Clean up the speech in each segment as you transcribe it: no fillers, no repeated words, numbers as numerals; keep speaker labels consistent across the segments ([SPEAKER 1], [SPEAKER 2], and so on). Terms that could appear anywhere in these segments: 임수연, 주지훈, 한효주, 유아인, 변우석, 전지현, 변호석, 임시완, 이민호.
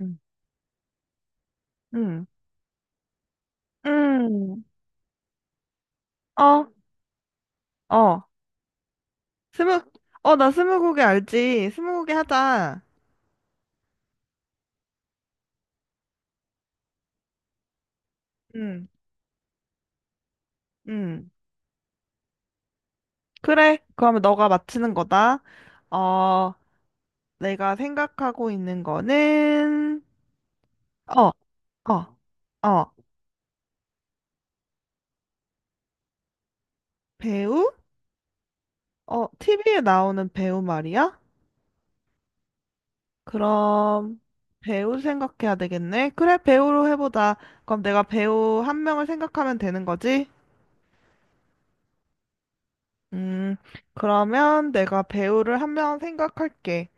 [SPEAKER 1] 음, 음, 음. 어, 어, 스무, 나 스무고개 알지? 스무고개 하자. 음, 음. 그래, 그러면 너가 맞히는 거다. 어, 내가 생각하고 있는 거는, 어, 어, 어, 배우? TV에 나오는 배우 말이야? 그럼, 배우 생각해야 되겠네. 그래, 배우로 해보자. 그럼 내가 배우 한 명을 생각하면 되는 거지? 음, 그러면 내가 배우를 한 명 생각할게.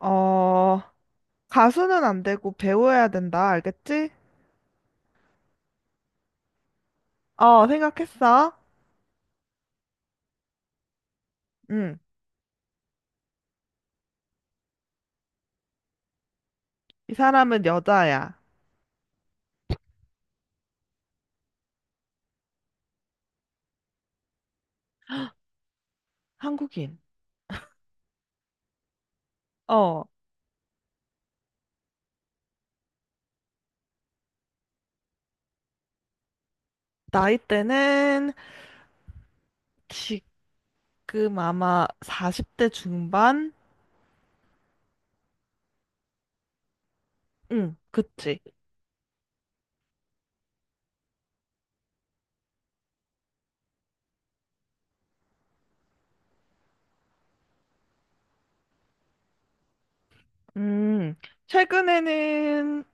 [SPEAKER 1] 어, 가수는 안 되고 배우여야 된다. 알겠지? 생각했어. 응. 이 사람은 여자야. 한국인. 어, 나이대는 지금 아마 40대 중반? 응, 그치. 음, 최근에는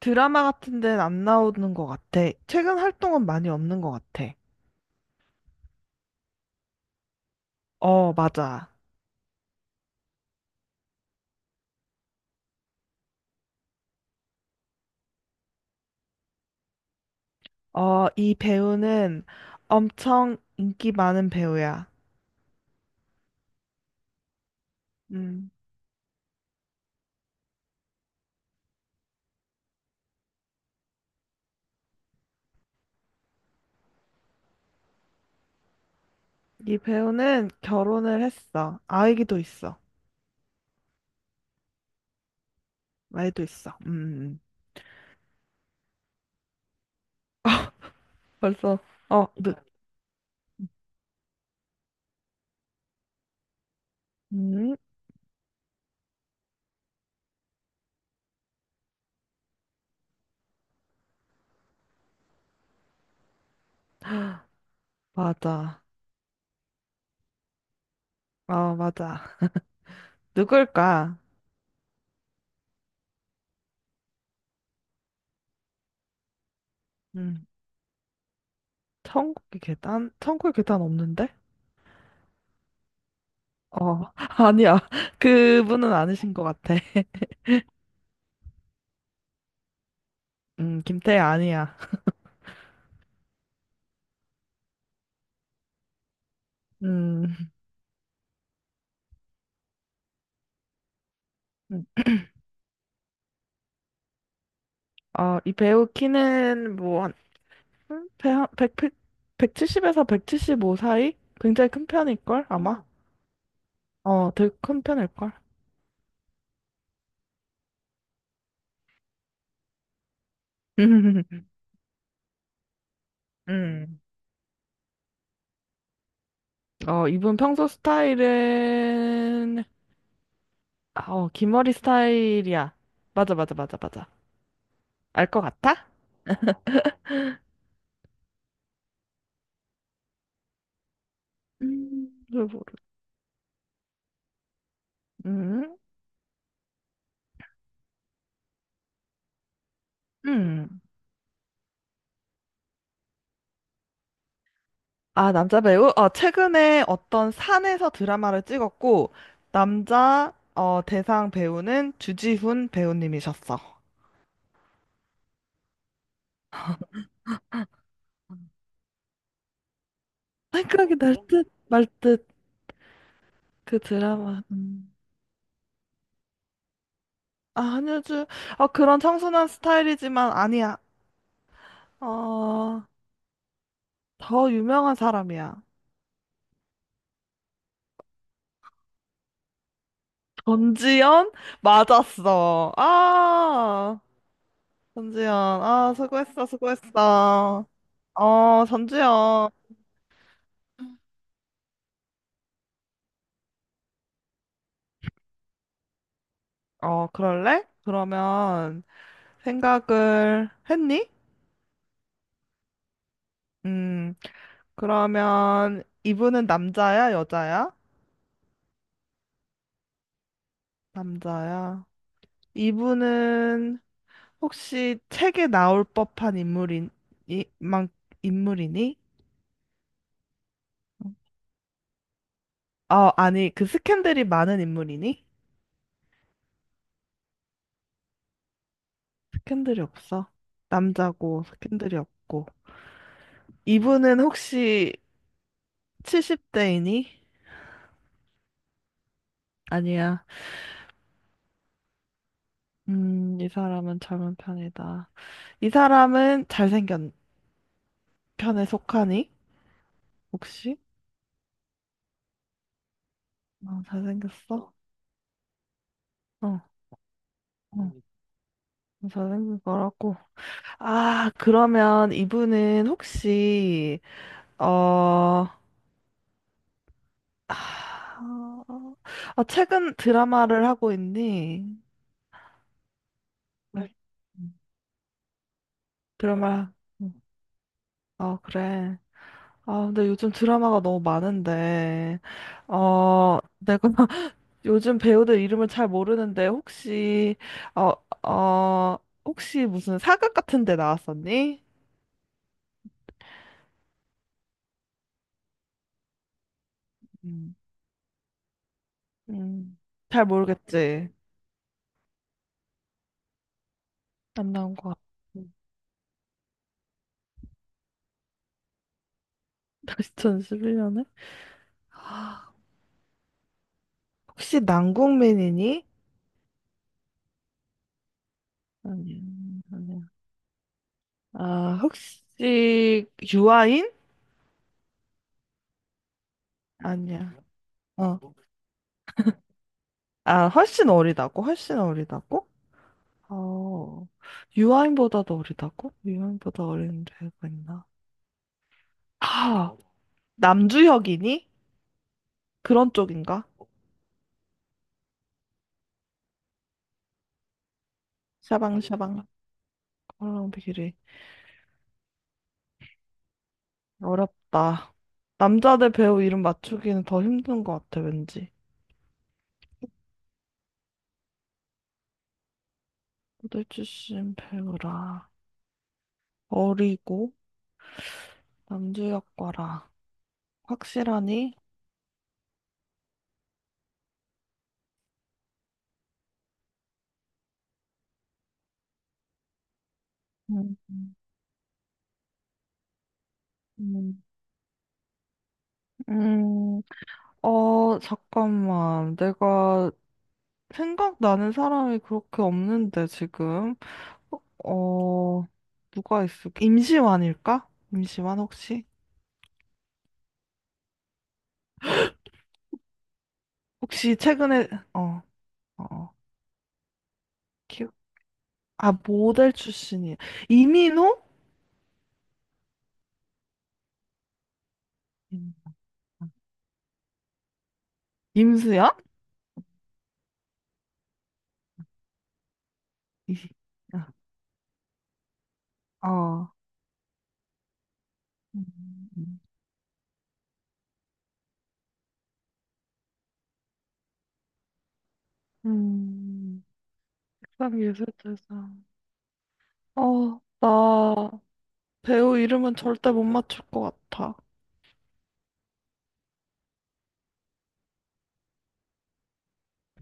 [SPEAKER 1] 드라마 같은 데는 안 나오는 것 같아. 최근 활동은 많이 없는 것 같아. 어, 맞아. 이 배우는 엄청 인기 많은 배우야. 음, 이 배우는 결혼을 했어. 아이기도 있어. 아이도 있어. 벌써. 어, 누, 음, 맞아. 어, 맞아. 누굴까? 음, 천국의 계단? 천국의 계단 없는데? 어, 아니야. 그분은 아니신 것 같아. 김태희 아니야. 음, 음. 이 배우 키는 뭐, 한 1 0백칠7 0에서 175 사이? 굉장히 큰 편일걸, 아마? 음. 되게 큰 편일걸. 음. 이분 평소 스타일은, 기머리 스타일이야. 맞아, 맞아, 맞아, 맞아. 알 것 같아? 음. 잘 모르. 음, 음. 아, 남자 배우? 최근에 어떤 산에서 드라마를 찍었고, 대상 배우는 주지훈 배우님이셨어. 생각이 날 듯, 말 듯. 그 드라마. 음. 아, 한효주. 아, 그런 청순한 스타일이지만 아니야. 어, 더 유명한 사람이야. 전지현? 맞았어. 아, 전지현. 아, 수고했어, 수고했어. 어, 전지현. 어, 그럴래? 그러면 생각을 했니? 음, 그러면 이분은 남자야, 여자야? 남자야. 이분은 혹시 책에 나올 법한 인물인, 이, 만, 인물이니? 아니, 그 스캔들이 많은 인물이니? 스캔들이 없어. 남자고, 스캔들이 없고. 이분은 혹시 70대이니? 아니야. 이 사람은 젊은 편이다. 이 사람은 잘생긴 편에 속하니? 혹시? 잘생겼어? 어, 어, 잘생긴 거라고. 아, 그러면 이분은 혹시, 어, 아, 최근 드라마를 하고 있니? 네. 드라마. 아, 그래. 아, 근데 요즘 드라마가 너무 많은데, 내가 요즘 배우들 이름을 잘 모르는데, 어, 어, 혹시 무슨 사극 같은 데 나왔었니? 음. 음, 잘 모르겠지. 안 나온 것 같아. 2011년에? 혹시 남국민이니? 아니요, 아니요. 아, 혹시 유아인? 아니야. 어. 아, 훨씬 어리다고? 훨씬 어리다고? 어. 유아인보다도 어리다고? 유아인보다 어린 배우가 있나? 아, 남주혁이니? 그런 쪽인가? 샤방샤방 헐렁비리 어렵다. 남자들 배우 이름 맞추기는 더 힘든 것 같아, 왠지. 무대 출신 배우라. 어리고 남주혁과라. 확실하니? 음. 음. 음. 잠깐만. 내가 생각나는 사람이 그렇게 없는데, 지금. 어, 누가 있을까? 임시완일까? 임시완 혹시? 혹시 최근에, 어, 어, 어. 키 아, 모델 출신이. 이민호? 임- 임수연? 이- 어. 음, 음, 그예술대상. 나 배우 이름은 절대 못 맞출 것 같아.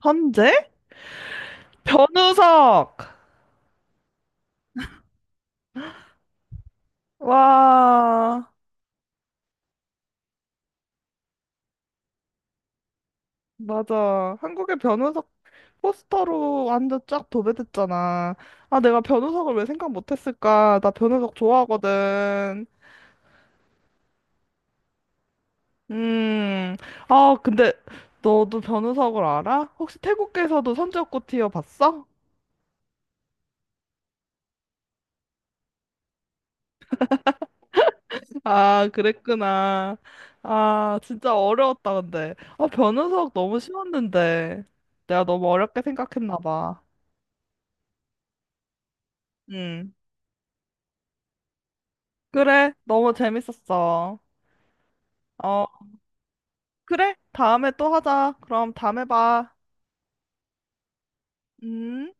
[SPEAKER 1] 현재? 변우석! 와, 맞아. 한국의 변호석 포스터로 완전 쫙 도배됐잖아. 아, 내가 변호석을 왜 생각 못했을까? 나 변호석 좋아하거든. 음, 아, 근데 너도 변호석을 알아? 혹시 태국에서도 선지옥고 티어 봤어? 아, 그랬구나. 아, 진짜 어려웠다, 근데. 아, 변호석 너무 쉬웠는데. 내가 너무 어렵게 생각했나 봐. 음, 그래. 너무 재밌었어. 어. 그래? 다음에 또 하자. 그럼 다음에 봐. 음.